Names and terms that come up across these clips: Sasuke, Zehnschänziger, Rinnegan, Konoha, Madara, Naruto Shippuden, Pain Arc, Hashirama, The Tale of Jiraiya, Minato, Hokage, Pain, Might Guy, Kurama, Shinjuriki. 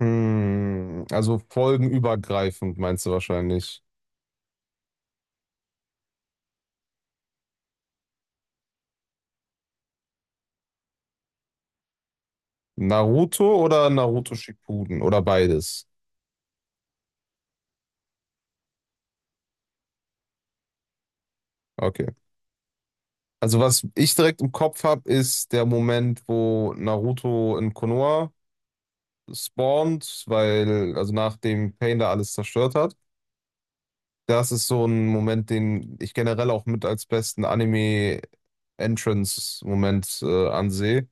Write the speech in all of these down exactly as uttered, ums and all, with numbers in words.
Hm, also folgenübergreifend meinst du wahrscheinlich. Naruto oder Naruto Shippuden oder beides? Okay. Also was ich direkt im Kopf habe, ist der Moment, wo Naruto in Konoha spawnt, weil, also nachdem Pain da alles zerstört hat. Das ist so ein Moment, den ich generell auch mit als besten Anime-Entrance-Moment äh, ansehe.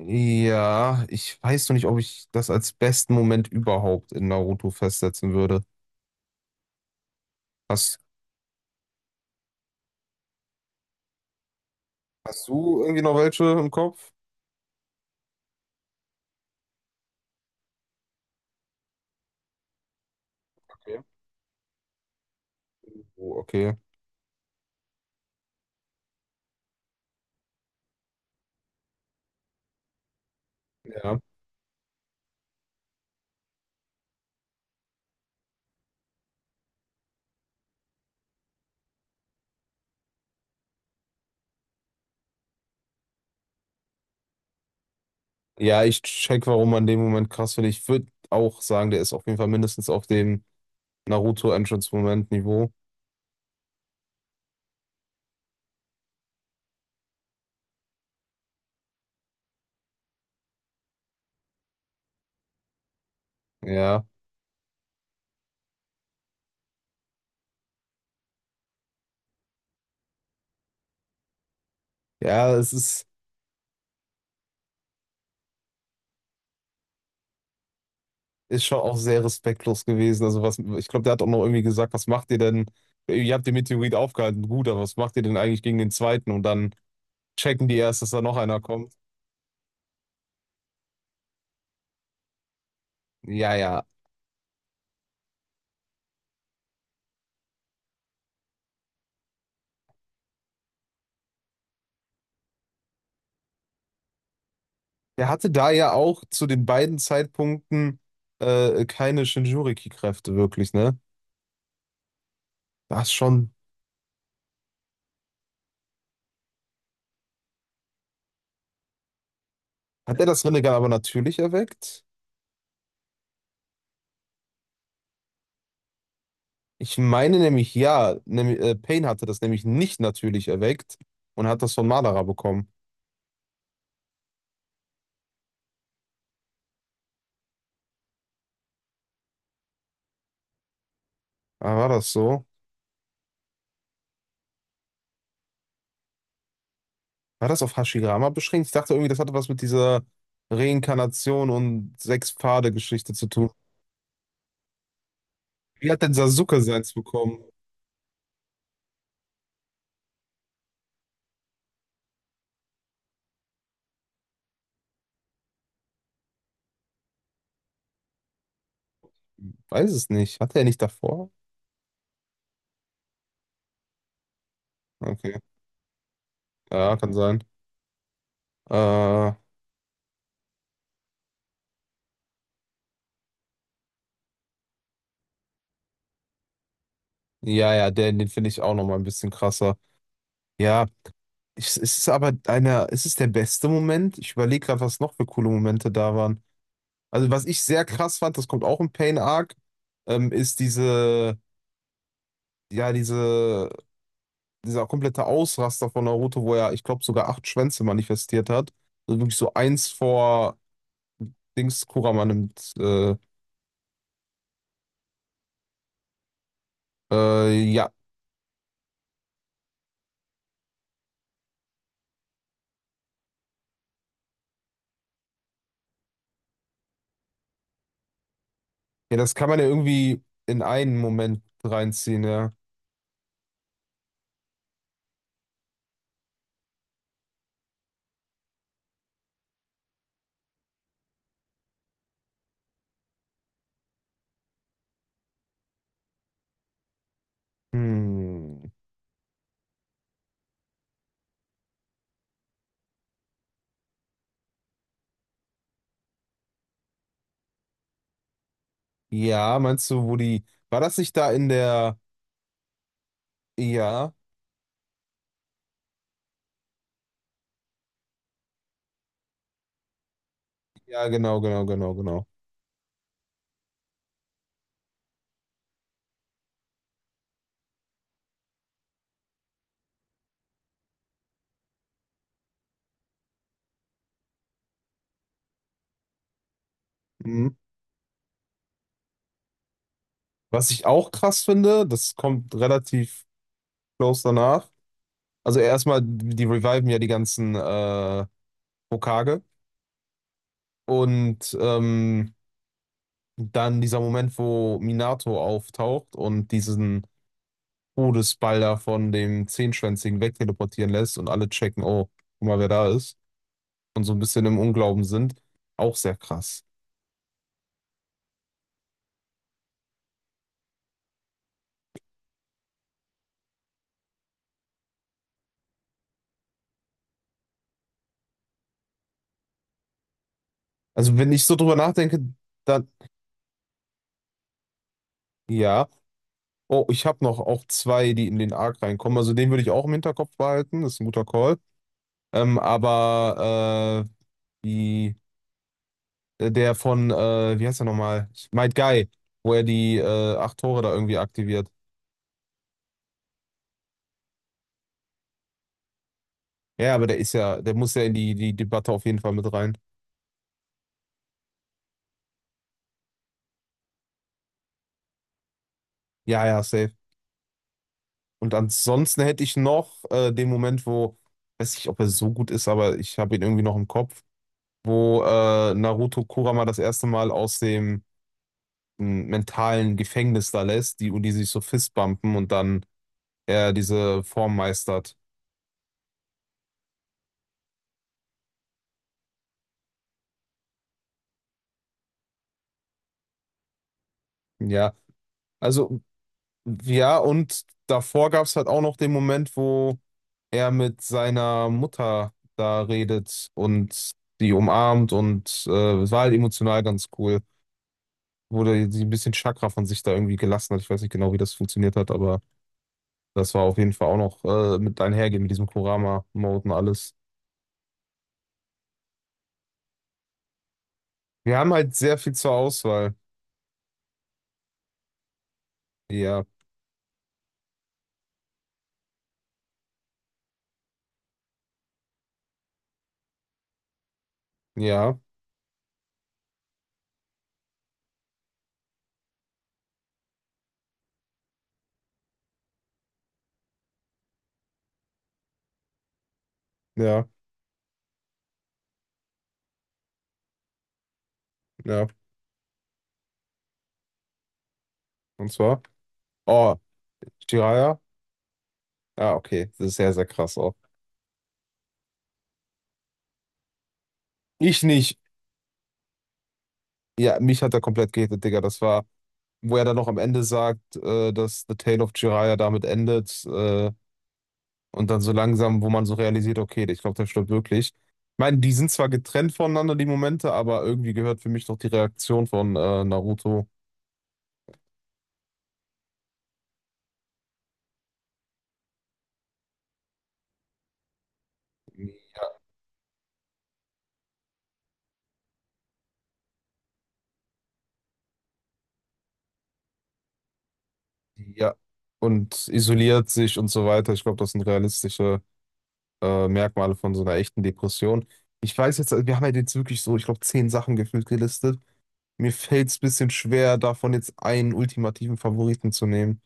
Ja, ich weiß noch nicht, ob ich das als besten Moment überhaupt in Naruto festsetzen würde. Hast, hast du irgendwie noch welche im Kopf? Okay. Oh, okay. Ja. Ja, ich check, warum man den Moment krass finde. Ich würde auch sagen, der ist auf jeden Fall mindestens auf dem Naruto-Entrance-Moment-Niveau. Ja. Ja, es ist, ist schon auch sehr respektlos gewesen. Also was, ich glaube, der hat auch noch irgendwie gesagt, was macht ihr denn? Ihr habt den Meteorit aufgehalten, gut, aber was macht ihr denn eigentlich gegen den zweiten? Und dann checken die erst, dass da noch einer kommt. Ja, ja, der hatte da ja auch zu den beiden Zeitpunkten äh, keine Shinjuriki-Kräfte wirklich, ne? Das schon. Hat er das Rinnegan aber natürlich erweckt? Ich meine nämlich ja, nämlich, äh, Pain hatte das nämlich nicht natürlich erweckt und hat das von Madara bekommen. Aber war das so? War das auf Hashirama beschränkt? Ich dachte irgendwie, das hatte was mit dieser Reinkarnation und Sechs-Pfade-Geschichte zu tun. Wie hat denn Sasuke seins bekommen? Weiß es nicht. Hatte er nicht davor? Okay. Ja, kann sein. Äh, Ja, ja, den, den finde ich auch noch mal ein bisschen krasser. Ja, ich, es ist aber einer, es ist der beste Moment. Ich überlege gerade, was noch für coole Momente da waren. Also, was ich sehr krass fand, das kommt auch im Pain Arc, ähm, ist diese, ja, diese, dieser komplette Ausraster von Naruto, wo er, ich glaube, sogar acht Schwänze manifestiert hat. Also wirklich so eins vor Dings Kurama nimmt. Äh, äh, ja. Ja, das kann man ja irgendwie in einen Moment reinziehen, ja. Hm. Ja, meinst du, wo die, war das nicht da in der, ja, ja, genau, genau, genau, genau. Mhm. Was ich auch krass finde, das kommt relativ close danach. Also erstmal, die reviven ja die ganzen äh, Hokage und ähm, dann dieser Moment, wo Minato auftaucht und diesen Todesball da von dem Zehnschwänzigen wegteleportieren lässt und alle checken, oh, guck mal, wer da ist und so ein bisschen im Unglauben sind, auch sehr krass. Also wenn ich so drüber nachdenke, da Ja. Oh, ich habe noch auch zwei, die in den Arc reinkommen. Also den würde ich auch im Hinterkopf behalten. Das ist ein guter Call. Ähm, aber äh, die, äh, der von, äh, wie heißt er nochmal? Might Guy, wo er die äh, acht Tore da irgendwie aktiviert. Ja, aber der ist ja, der muss ja in die, die Debatte auf jeden Fall mit rein. Ja, ja, safe. Und ansonsten hätte ich noch äh, den Moment, wo, weiß nicht, ob er so gut ist, aber ich habe ihn irgendwie noch im Kopf, wo äh, Naruto Kurama das erste Mal aus dem m, mentalen Gefängnis da lässt, die, und die sich so fistbumpen und dann er diese Form meistert. Ja, also, ja, und davor gab es halt auch noch den Moment, wo er mit seiner Mutter da redet und die umarmt und äh, es war halt emotional ganz cool. Wurde sie ein bisschen Chakra von sich da irgendwie gelassen hat. Ich weiß nicht genau, wie das funktioniert hat, aber das war auf jeden Fall auch noch äh, mit einhergehen mit diesem Kurama-Mode und alles. Wir haben halt sehr viel zur Auswahl. Ja, ja, ja. Ja, und zwar. Oh, Jiraiya? Ja, okay. Das ist sehr, sehr krass auch. Ich nicht. Ja, mich hat er komplett gehittet, Digga. Das war, wo er dann noch am Ende sagt, äh, dass The Tale of Jiraiya damit endet. Äh, und dann so langsam, wo man so realisiert, okay, ich glaube, der stirbt wirklich. Ich meine, die sind zwar getrennt voneinander, die Momente, aber irgendwie gehört für mich noch die Reaktion von äh, Naruto. Ja. Und isoliert sich und so weiter. Ich glaube, das sind realistische äh, Merkmale von so einer echten Depression. Ich weiß jetzt, wir haben ja jetzt wirklich so, ich glaube, zehn Sachen gefühlt gelistet. Mir fällt es ein bisschen schwer, davon jetzt einen ultimativen Favoriten zu nehmen.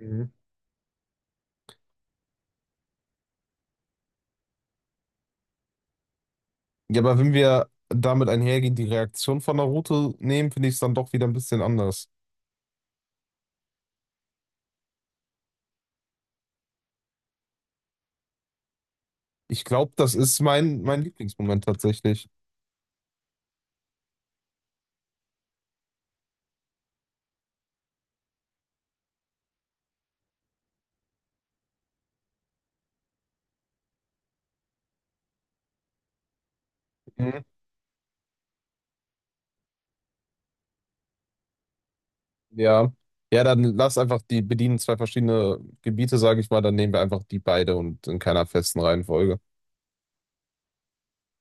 Mhm. Ja, aber wenn wir damit einhergehen, die Reaktion von Naruto nehmen, finde ich es dann doch wieder ein bisschen anders. Ich glaube, das ist mein, mein Lieblingsmoment tatsächlich. Mhm. Ja. Ja, dann lass einfach die bedienen zwei verschiedene Gebiete, sage ich mal, dann nehmen wir einfach die beide und in keiner festen Reihenfolge.